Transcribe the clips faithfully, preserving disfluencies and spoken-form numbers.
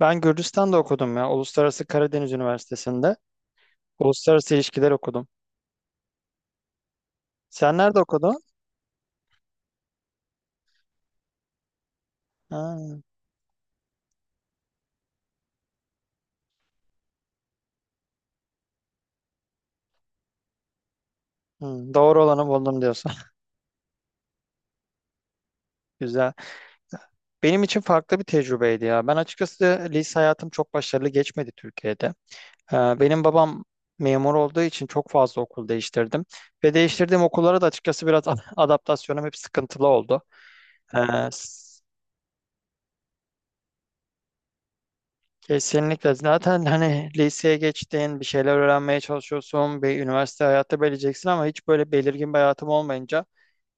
Ben Gürcistan'da okudum ya. Uluslararası Karadeniz Üniversitesi'nde. Uluslararası ilişkiler okudum. Sen nerede okudun? Ha, hı, doğru olanı buldum diyorsun. Güzel. Benim için farklı bir tecrübeydi ya. Ben açıkçası lise hayatım çok başarılı geçmedi Türkiye'de. Ee, benim babam memur olduğu için çok fazla okul değiştirdim. Ve değiştirdiğim okullara da açıkçası biraz adaptasyonum hep sıkıntılı oldu. Ee, Kesinlikle. Zaten hani liseye geçtin, bir şeyler öğrenmeye çalışıyorsun, bir üniversite hayatı belirleyeceksin ama hiç böyle belirgin bir hayatım olmayınca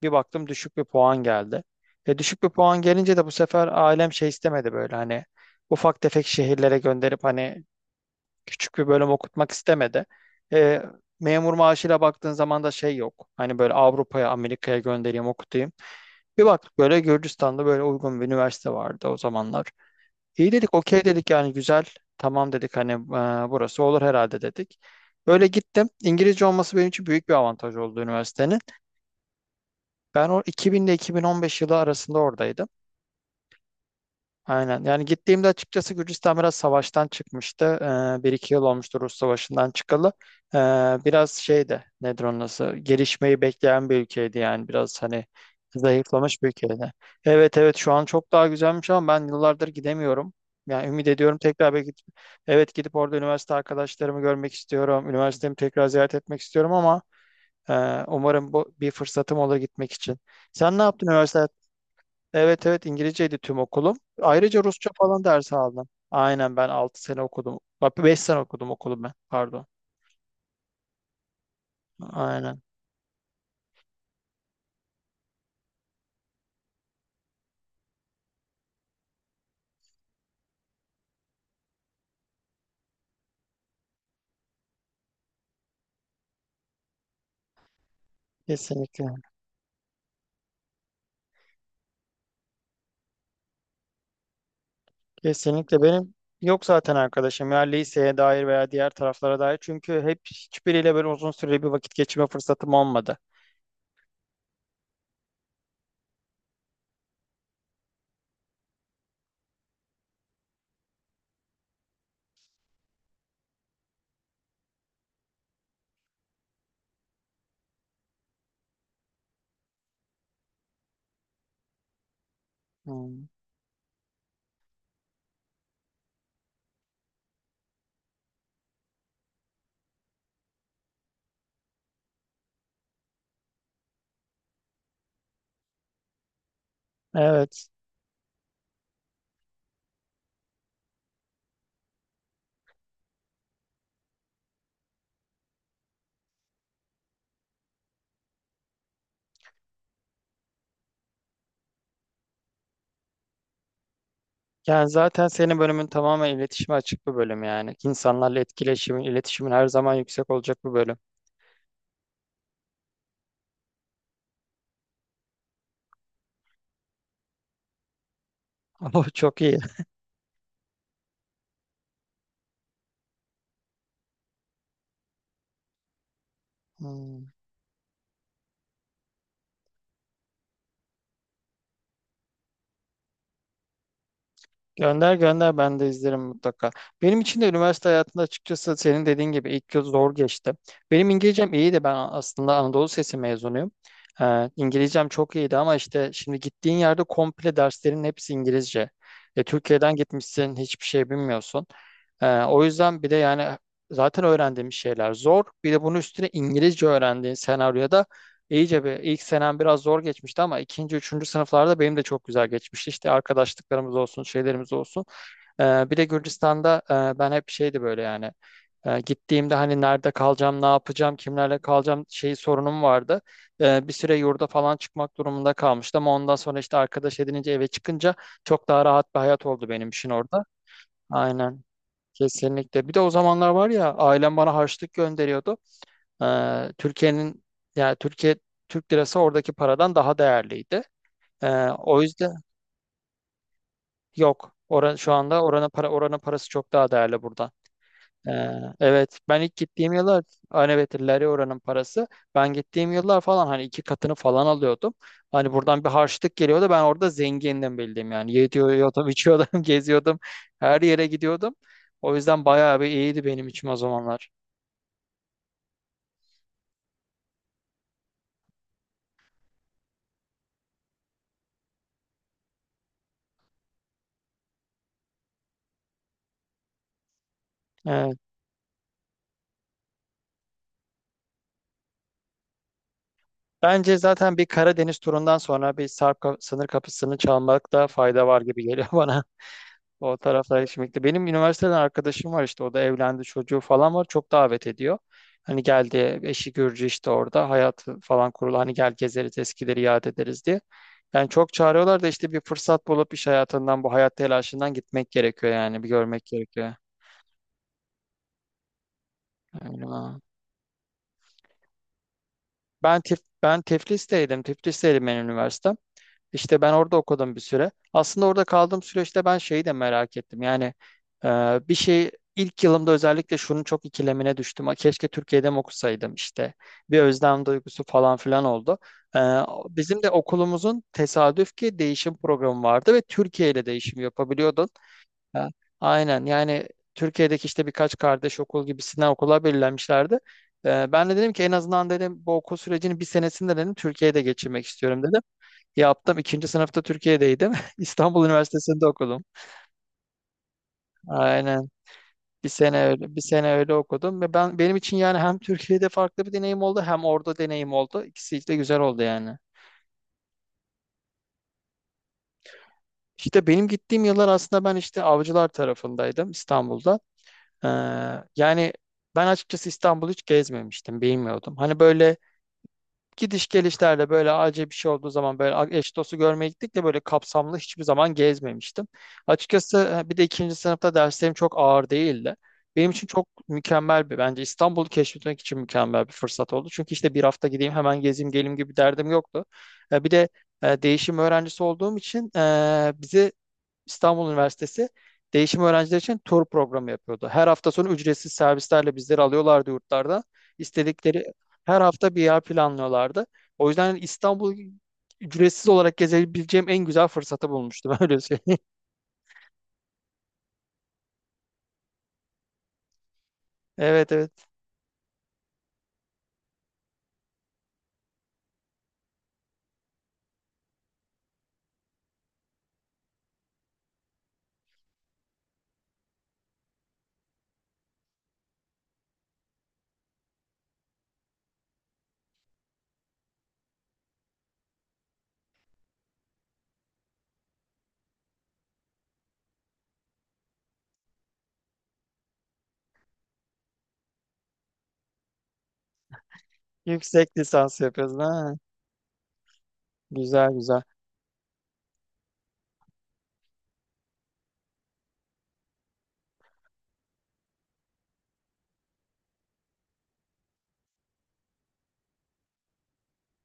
bir baktım düşük bir puan geldi. E düşük bir puan gelince de bu sefer ailem şey istemedi böyle hani ufak tefek şehirlere gönderip hani küçük bir bölüm okutmak istemedi. E, memur maaşıyla baktığın zaman da şey yok. Hani böyle Avrupa'ya, Amerika'ya göndereyim, okutayım. Bir baktık böyle Gürcistan'da böyle uygun bir üniversite vardı o zamanlar. İyi dedik, okey dedik yani güzel. Tamam dedik hani e, burası olur herhalde dedik. Böyle gittim. İngilizce olması benim için büyük bir avantaj oldu üniversitenin. Ben o iki bin ile iki bin on beş yılı arasında oradaydım. Aynen. Yani gittiğimde açıkçası Gürcistan biraz savaştan çıkmıştı. Ee, bir iki yıl olmuştu Rus savaşından çıkalı. Ee, biraz şey de nedir onun adı? Gelişmeyi bekleyen bir ülkeydi yani. Biraz hani zayıflamış bir ülkeydi. Evet evet şu an çok daha güzelmiş ama ben yıllardır gidemiyorum. Yani ümit ediyorum tekrar belki evet gidip orada üniversite arkadaşlarımı görmek istiyorum. Üniversitemi tekrar ziyaret etmek istiyorum ama e, umarım bu bir fırsatım olur gitmek için. Sen ne yaptın üniversite. Evet evet İngilizceydi tüm okulum. Ayrıca Rusça falan ders aldım. Aynen ben altı sene okudum. Bak beş sene okudum okulum ben. Pardon. Aynen. Kesinlikle. Kesinlikle benim yok Zaten arkadaşım ya liseye dair veya diğer taraflara dair. Çünkü hep hiçbiriyle böyle uzun süreli bir vakit geçirme fırsatım olmadı. Hmm. Evet. Yani zaten senin bölümün tamamen iletişime açık bir bölüm yani. İnsanlarla etkileşimin, iletişimin her zaman yüksek olacak bir bölüm. O çok iyi. Hmm. Gönder gönder ben de izlerim mutlaka. Benim için de üniversite hayatında açıkçası senin dediğin gibi ilk yıl zor geçti. Benim İngilizcem iyi de ben aslında Anadolu Sesi mezunuyum. Ee, İngilizcem çok iyiydi ama işte şimdi gittiğin yerde komple derslerin hepsi İngilizce. E, Türkiye'den gitmişsin hiçbir şey bilmiyorsun. Ee, o yüzden bir de yani zaten öğrendiğimiz şeyler zor. Bir de bunun üstüne İngilizce öğrendiğin senaryoda İyice bir ilk senem biraz zor geçmişti ama ikinci, üçüncü sınıflarda benim de çok güzel geçmişti. İşte arkadaşlıklarımız olsun, şeylerimiz olsun. Ee, bir de Gürcistan'da e, ben hep şeydi böyle yani e, gittiğimde hani nerede kalacağım, ne yapacağım, kimlerle kalacağım şey sorunum vardı. E, bir süre yurda falan çıkmak durumunda kalmıştım. Ama ondan sonra işte arkadaş edinince eve çıkınca çok daha rahat bir hayat oldu benim için orada. Aynen. Kesinlikle. Bir de o zamanlar var ya ailem bana harçlık gönderiyordu. Ee, Türkiye'nin yani Türkiye Türk lirası oradaki paradan daha değerliydi. Ee, o yüzden yok. Ora, şu anda oranın para oranın parası çok daha değerli buradan. Ee, evet ben ilk gittiğim yıllar hani evet lari oranın parası ben gittiğim yıllar falan hani iki katını falan alıyordum. Hani buradan bir harçlık geliyordu ben orada zengindim bildiğim yani yiyordum içiyordum geziyordum her yere gidiyordum. O yüzden bayağı bir iyiydi benim için o zamanlar. Bence zaten bir Karadeniz turundan sonra bir Sarp ka- sınır kapısını çalmakta fayda var gibi geliyor bana. O taraflar şimdi. Benim üniversiteden arkadaşım var işte o da evlendi çocuğu falan var. Çok davet ediyor. Hani geldi eşi Gürcü işte orada hayat falan kurulu hani gel gezeriz eskileri yad ederiz diye. Yani çok çağırıyorlar da işte bir fırsat bulup iş hayatından bu hayat telaşından gitmek gerekiyor yani bir görmek gerekiyor. Öyle. Ben Tif ben Tiflis'teydim. Tiflis'teydim benim üniversitem. İşte ben orada okudum bir süre. Aslında orada kaldığım süreçte ben şeyi de merak ettim. Yani e, bir şey ilk yılımda özellikle şunun çok ikilemine düştüm. "Aa, keşke Türkiye'de mi okusaydım işte." Bir özlem duygusu falan filan oldu. E, bizim de okulumuzun tesadüf ki değişim programı vardı ve Türkiye ile değişim yapabiliyordun. E, aynen yani Türkiye'deki işte birkaç kardeş okul gibisinden okula belirlenmişlerdi. E, Ben de dedim ki en azından dedim bu okul sürecinin bir senesinde dedim Türkiye'de geçirmek istiyorum dedim. Yaptım. İkinci sınıfta Türkiye'deydim. İstanbul Üniversitesi'nde okudum. Aynen. Bir sene öyle, bir sene öyle okudum ve ben benim için yani hem Türkiye'de farklı bir deneyim oldu hem orada deneyim oldu. İkisi de güzel oldu yani. İşte benim gittiğim yıllar aslında ben işte avcılar tarafındaydım İstanbul'da. Ee, yani ben açıkçası İstanbul'u hiç gezmemiştim, bilmiyordum. Hani böyle gidiş gelişlerle böyle acil bir şey olduğu zaman böyle eş dostu görmeye gittik de böyle kapsamlı hiçbir zaman gezmemiştim. Açıkçası e, bir de ikinci sınıfta derslerim çok ağır değildi. Benim için çok mükemmel bir Bence İstanbul'u keşfetmek için mükemmel bir fırsat oldu. Çünkü işte bir hafta gideyim hemen gezeyim geleyim gibi derdim yoktu. E, Bir de e, değişim öğrencisi olduğum için e, bizi İstanbul Üniversitesi değişim öğrenciler için tur programı yapıyordu. Her hafta sonu ücretsiz servislerle bizleri alıyorlardı yurtlarda. İstedikleri Her hafta bir yer planlıyorlardı. O yüzden İstanbul ücretsiz olarak gezebileceğim en güzel fırsatı bulmuştum öyle söyleyeyim. Evet evet. Yüksek lisans yapıyorsun ha. Güzel güzel.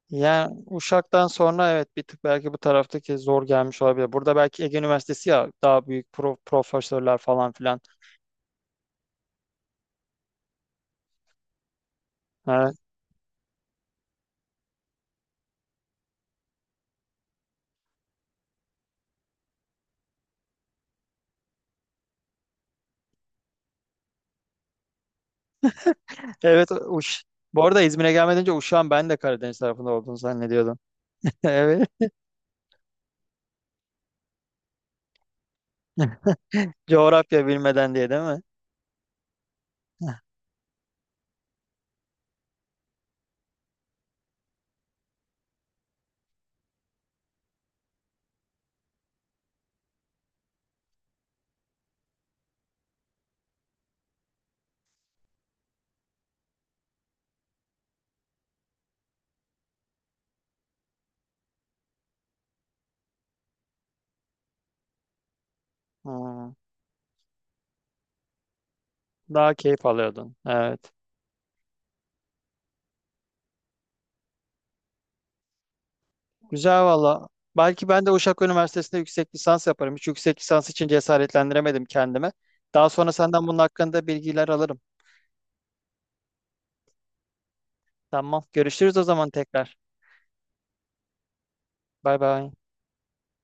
Yani Uşak'tan sonra evet bir tık belki bu taraftaki zor gelmiş olabilir. Burada belki Ege Üniversitesi ya daha büyük pro- profesörler falan filan. Ee, Evet, Uş. Bu arada İzmir'e gelmeden önce Uşak'ın ben de Karadeniz tarafında olduğunu zannediyordum. Evet. Coğrafya bilmeden diye değil mi? Hmm. Daha keyif alıyordun. Evet. Güzel valla. Belki ben de Uşak Üniversitesi'nde yüksek lisans yaparım. Hiç yüksek lisans için cesaretlendiremedim kendime. Daha sonra senden bunun hakkında bilgiler alırım. Tamam. Görüşürüz o zaman tekrar. Bay bay.